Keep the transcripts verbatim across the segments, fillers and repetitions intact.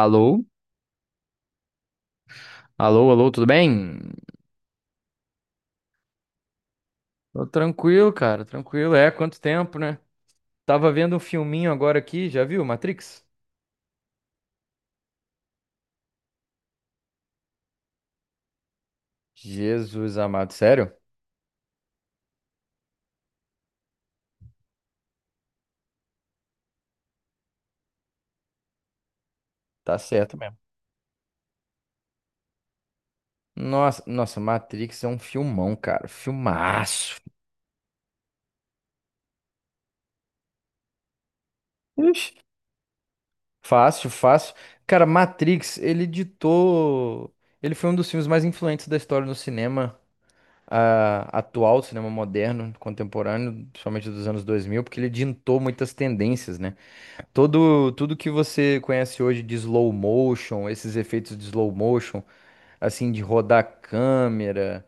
Alô? Alô, alô, tudo bem? Tô tranquilo, cara, tranquilo. É, quanto tempo, né? Tava vendo um filminho agora aqui, já viu Matrix? Jesus amado, sério? Tá certo mesmo. Nossa, nossa, Matrix é um filmão, cara, filmaço. Ixi, fácil, fácil. Cara, Matrix, ele ditou. Ele foi um dos filmes mais influentes da história do cinema ah, atual, cinema moderno, contemporâneo, principalmente dos anos dois mil, porque ele ditou muitas tendências, né? Todo, tudo que você conhece hoje de slow motion, esses efeitos de slow motion, assim, de rodar a câmera,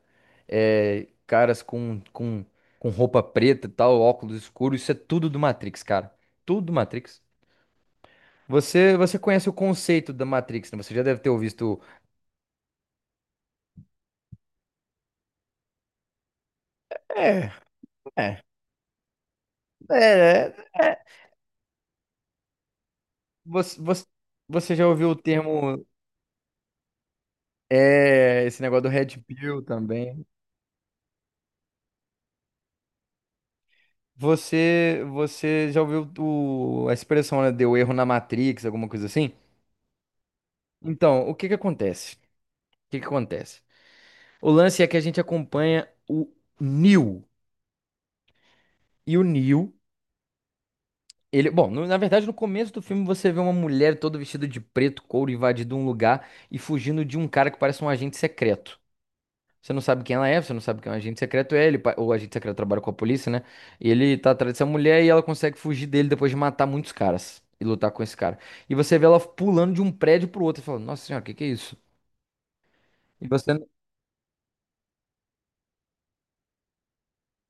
é, caras com, com, com roupa preta e tal, óculos escuros, isso é tudo do Matrix, cara. Tudo do Matrix. Você, você conhece o conceito da Matrix, né? Você já deve ter ouvido. É, é, é, é. Você, você, você já ouviu o termo. É, esse negócio do Red Pill também. Você, você já ouviu o- a expressão, né? Deu erro na Matrix, alguma coisa assim? Então, o que que acontece? O que que acontece? O lance é que a gente acompanha o Neo. E o Neo, ele... Bom, no- na verdade, no começo do filme você vê uma mulher toda vestida de preto, couro, invadindo um lugar e fugindo de um cara que parece um agente secreto. Você não sabe quem ela é, você não sabe quem é um agente secreto é, ele, pa- o agente secreto trabalha com a polícia, né? E ele tá atrás dessa mulher e ela consegue fugir dele depois de matar muitos caras e lutar com esse cara. E você vê ela pulando de um prédio pro outro e fala, nossa senhora, o que que é isso? E você.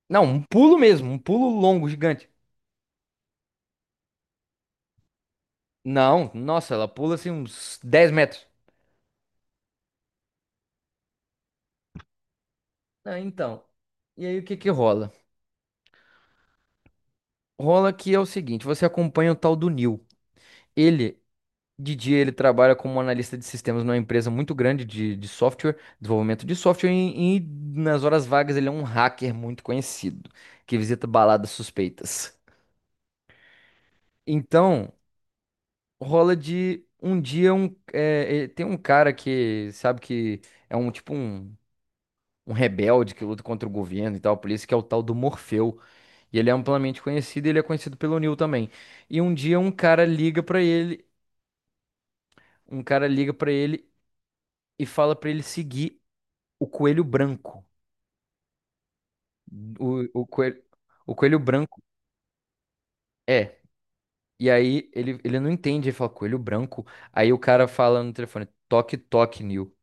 Não, um pulo mesmo, um pulo longo, gigante. Não, nossa, ela pula assim uns dez metros. Ah, então. E aí o que que rola? Rola que é o seguinte, você acompanha o tal do Neil. Ele De dia ele trabalha como analista de sistemas numa empresa muito grande de, de software, desenvolvimento de software, e, e nas horas vagas ele é um hacker muito conhecido, que visita baladas suspeitas. Então, rola de um dia um, é, é, tem um cara que sabe que é um tipo um, um rebelde que luta contra o governo e tal, por isso que é o tal do Morfeu. E ele é amplamente conhecido, e ele é conhecido pelo Neil também. E um dia um cara liga pra ele, um cara liga para ele e fala pra ele seguir o coelho branco. O, o coelho, o coelho branco. É. E aí ele, ele não entende, ele fala, coelho branco. Aí o cara fala no telefone, toque, toque, Neil.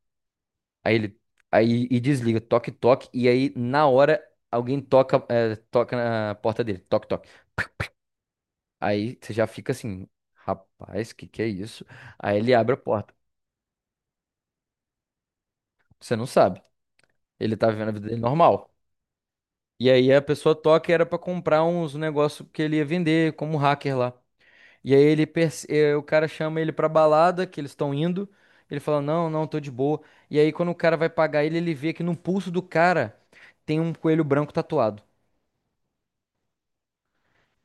Aí ele aí, e desliga, toque, toque. E aí, na hora, alguém toca, é, toca na porta dele, toque, toque. Aí você já fica assim, rapaz, que que é isso? Aí ele abre a porta. Você não sabe. Ele tá vivendo a vida dele normal. E aí a pessoa toca e era pra comprar uns negócio que ele ia vender como hacker lá. E aí ele perce- eh, o cara chama ele pra balada que eles estão indo. Ele fala: "Não, não, tô de boa". E aí quando o cara vai pagar ele, ele vê que no pulso do cara tem um coelho branco tatuado.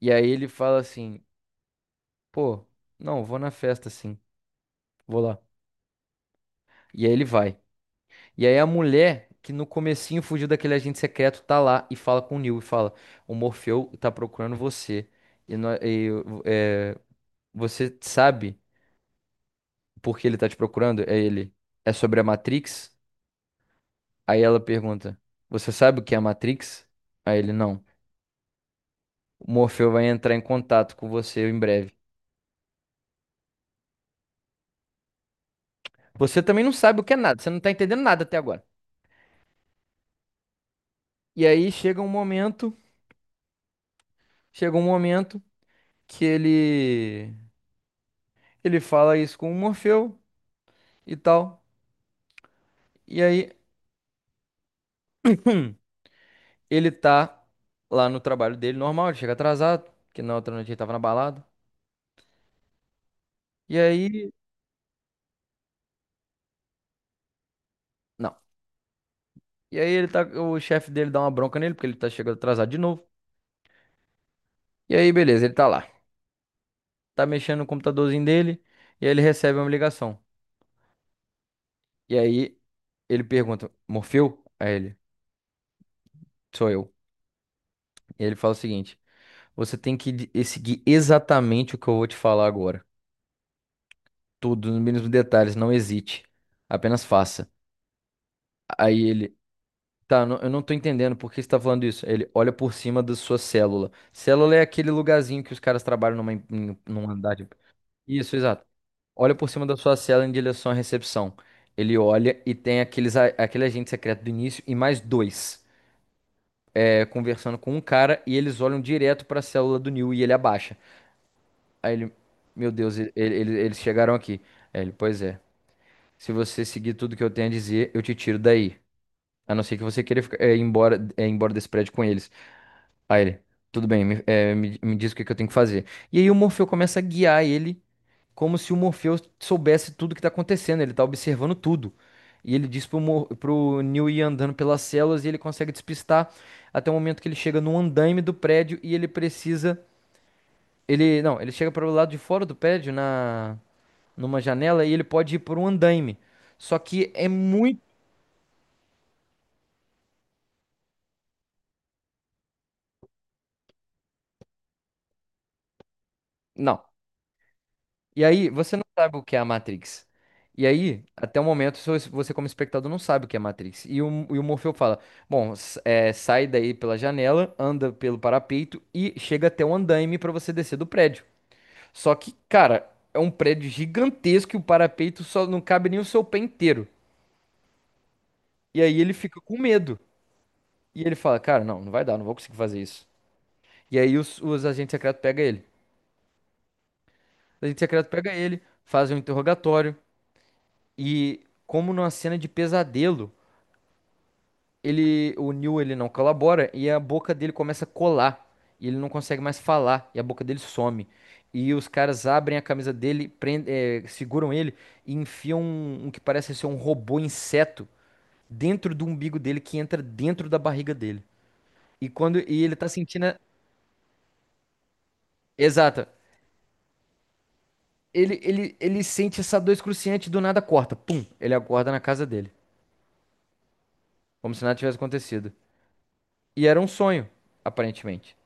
E aí ele fala assim: "Pô, não, vou na festa sim. Vou lá". E aí ele vai. E aí a mulher que no comecinho fugiu daquele agente secreto tá lá e fala com o Neo e fala: "O Morfeu tá procurando você. E, nó- e, eh, Você sabe por que ele tá te procurando?" É ele. É sobre a Matrix? Aí ela pergunta: Você sabe o que é a Matrix? Aí ele: Não. O Morfeu vai entrar em contato com você em breve. Você também não sabe o que é nada, você não tá entendendo nada até agora. E aí chega um momento, chega um momento que ele ele fala isso com o Morfeu e tal. E aí ele tá lá no trabalho dele normal, ele chega atrasado, porque na outra noite ele tava na balada. E aí, não. E aí ele tá, o chefe dele dá uma bronca nele porque ele tá chegando atrasado de novo. E aí, beleza, ele tá lá. tá mexendo no computadorzinho dele e aí ele recebe uma ligação. E aí ele pergunta: Morfeu? Aí ele: Sou eu. E ele fala o seguinte: Você tem que de- seguir exatamente o que eu vou te falar agora. Tudo, nos mínimos detalhes, não hesite. Apenas faça. Aí ele: Tá, não- eu não tô entendendo por que você tá falando isso. Aí Ele olha por cima da sua célula. Célula é aquele lugarzinho que os caras trabalham numa, em, em- num andar de. Isso, exato. olha por cima da sua cela em direção à recepção. Ele olha e tem aqueles, a- aquele agente secreto do início e mais dois é, conversando com um cara e eles olham direto pra célula do Neil e ele abaixa. Aí ele, meu Deus, ele- ele- ele- eles chegaram aqui. Aí ele, pois é. Se você seguir tudo que eu tenho a dizer, eu te tiro daí. A não ser que você queira ficar, é, ir embora, é, ir embora desse prédio com eles. Aí ele, tudo bem, me, é, me- me diz o que que eu tenho que fazer. E aí o Morfeu começa a guiar ele, como se o Morfeu soubesse tudo que tá acontecendo, ele tá observando tudo. E ele diz pro, Mor pro Neo ir andando pelas celas e ele consegue despistar até o momento que ele chega no andaime do prédio e ele precisa. Ele, não, ele chega para o lado de fora do prédio, na, numa janela, e ele pode ir por um andaime. Só que é muito. Não. E aí, você não sabe o que é a Matrix. E aí, até o momento, so- você como espectador não sabe o que é a Matrix. E o, e o Morfeu fala, bom, s- é, sai daí pela janela, anda pelo parapeito e chega até o andaime pra você descer do prédio. Só que, cara, é um prédio gigantesco e o parapeito só não cabe nem o seu pé inteiro. E aí ele fica com medo. E ele fala, cara, não, não vai dar, não vou conseguir fazer isso. E aí os, os agentes secretos pegam ele. Os agentes secretos pegam ele, fazem um interrogatório e, como numa cena de pesadelo... ele, o Neil, ele não colabora e a boca dele começa a colar. E ele não consegue mais falar e a boca dele some. E os caras abrem a camisa dele, prende- eh, seguram ele e enfiam um, um que parece ser um robô inseto dentro do umbigo dele que entra dentro da barriga dele. E quando e ele tá sentindo, a- exato. Ele, ele, ele, sente essa dor excruciante e do nada corta. Pum, ele acorda na casa dele, como se nada tivesse acontecido. E era um sonho, aparentemente.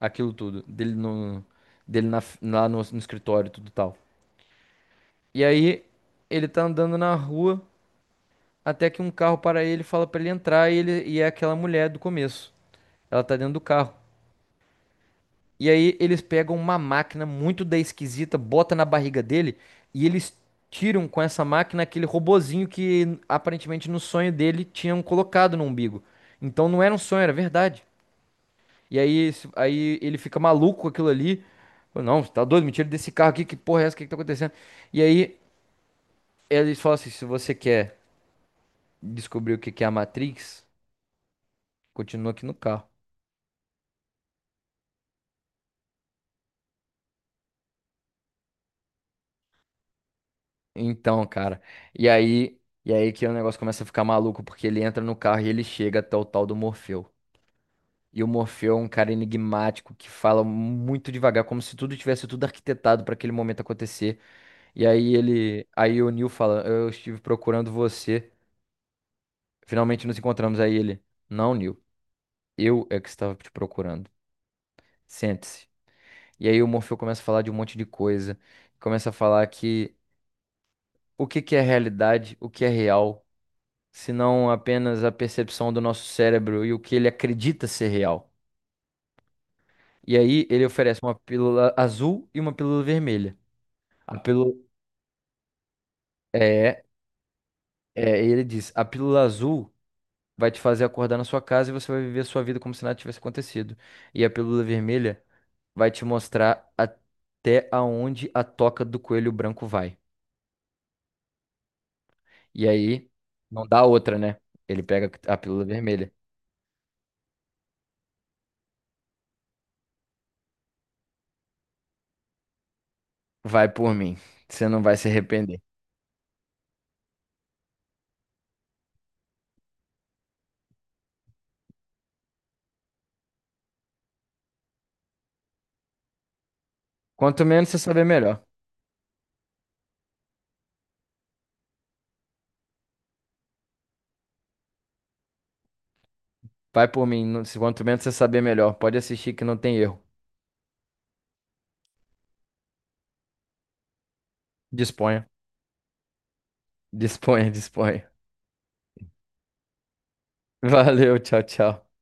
Aquilo tudo, dele no, dele na, lá no, no escritório, e tudo tal. E aí ele tá andando na rua até que um carro para ele, e fala pra ele entrar e ele e é aquela mulher do começo. Ela tá dentro do carro. E aí eles pegam uma máquina muito da esquisita, bota na barriga dele e eles tiram com essa máquina aquele robozinho que aparentemente no sonho dele tinham colocado no umbigo. Então não era um sonho, era verdade. E aí, esse- aí ele fica maluco com aquilo ali. Fala, não, você tá doido? Me tira desse carro aqui, que porra é essa? O que que tá acontecendo? E aí eles falam assim: se você quer descobrir o que que é a Matrix, continua aqui no carro. Então, cara. E aí, e aí que o negócio começa a ficar maluco, porque ele entra no carro e ele chega até o tal do Morfeu. E o Morfeu é um cara enigmático que fala muito devagar, como se tudo tivesse tudo arquitetado para aquele momento acontecer. E aí ele, aí o Neo fala, eu estive procurando você. Finalmente nos encontramos. Aí ele, não, Neil, eu é que estava te procurando. Sente-se. E aí o Morfeu começa a falar de um monte de coisa. Começa a falar que o que que é realidade, o que é real, se não apenas a percepção do nosso cérebro e o que ele acredita ser real. E aí ele oferece uma pílula azul e uma pílula vermelha. A pílula é, é, ele diz, a pílula azul vai te fazer acordar na sua casa e você vai viver a sua vida como se nada tivesse acontecido. E a pílula vermelha vai te mostrar até aonde a toca do coelho branco vai. E aí, não dá outra, né? Ele pega a pílula vermelha. Vai por mim, você não vai se arrepender. Quanto menos você saber, melhor. Vai por mim, não- se- quanto menos você saber, melhor. Pode assistir que não tem erro. Disponha, disponha, disponha. Valeu, tchau, tchau.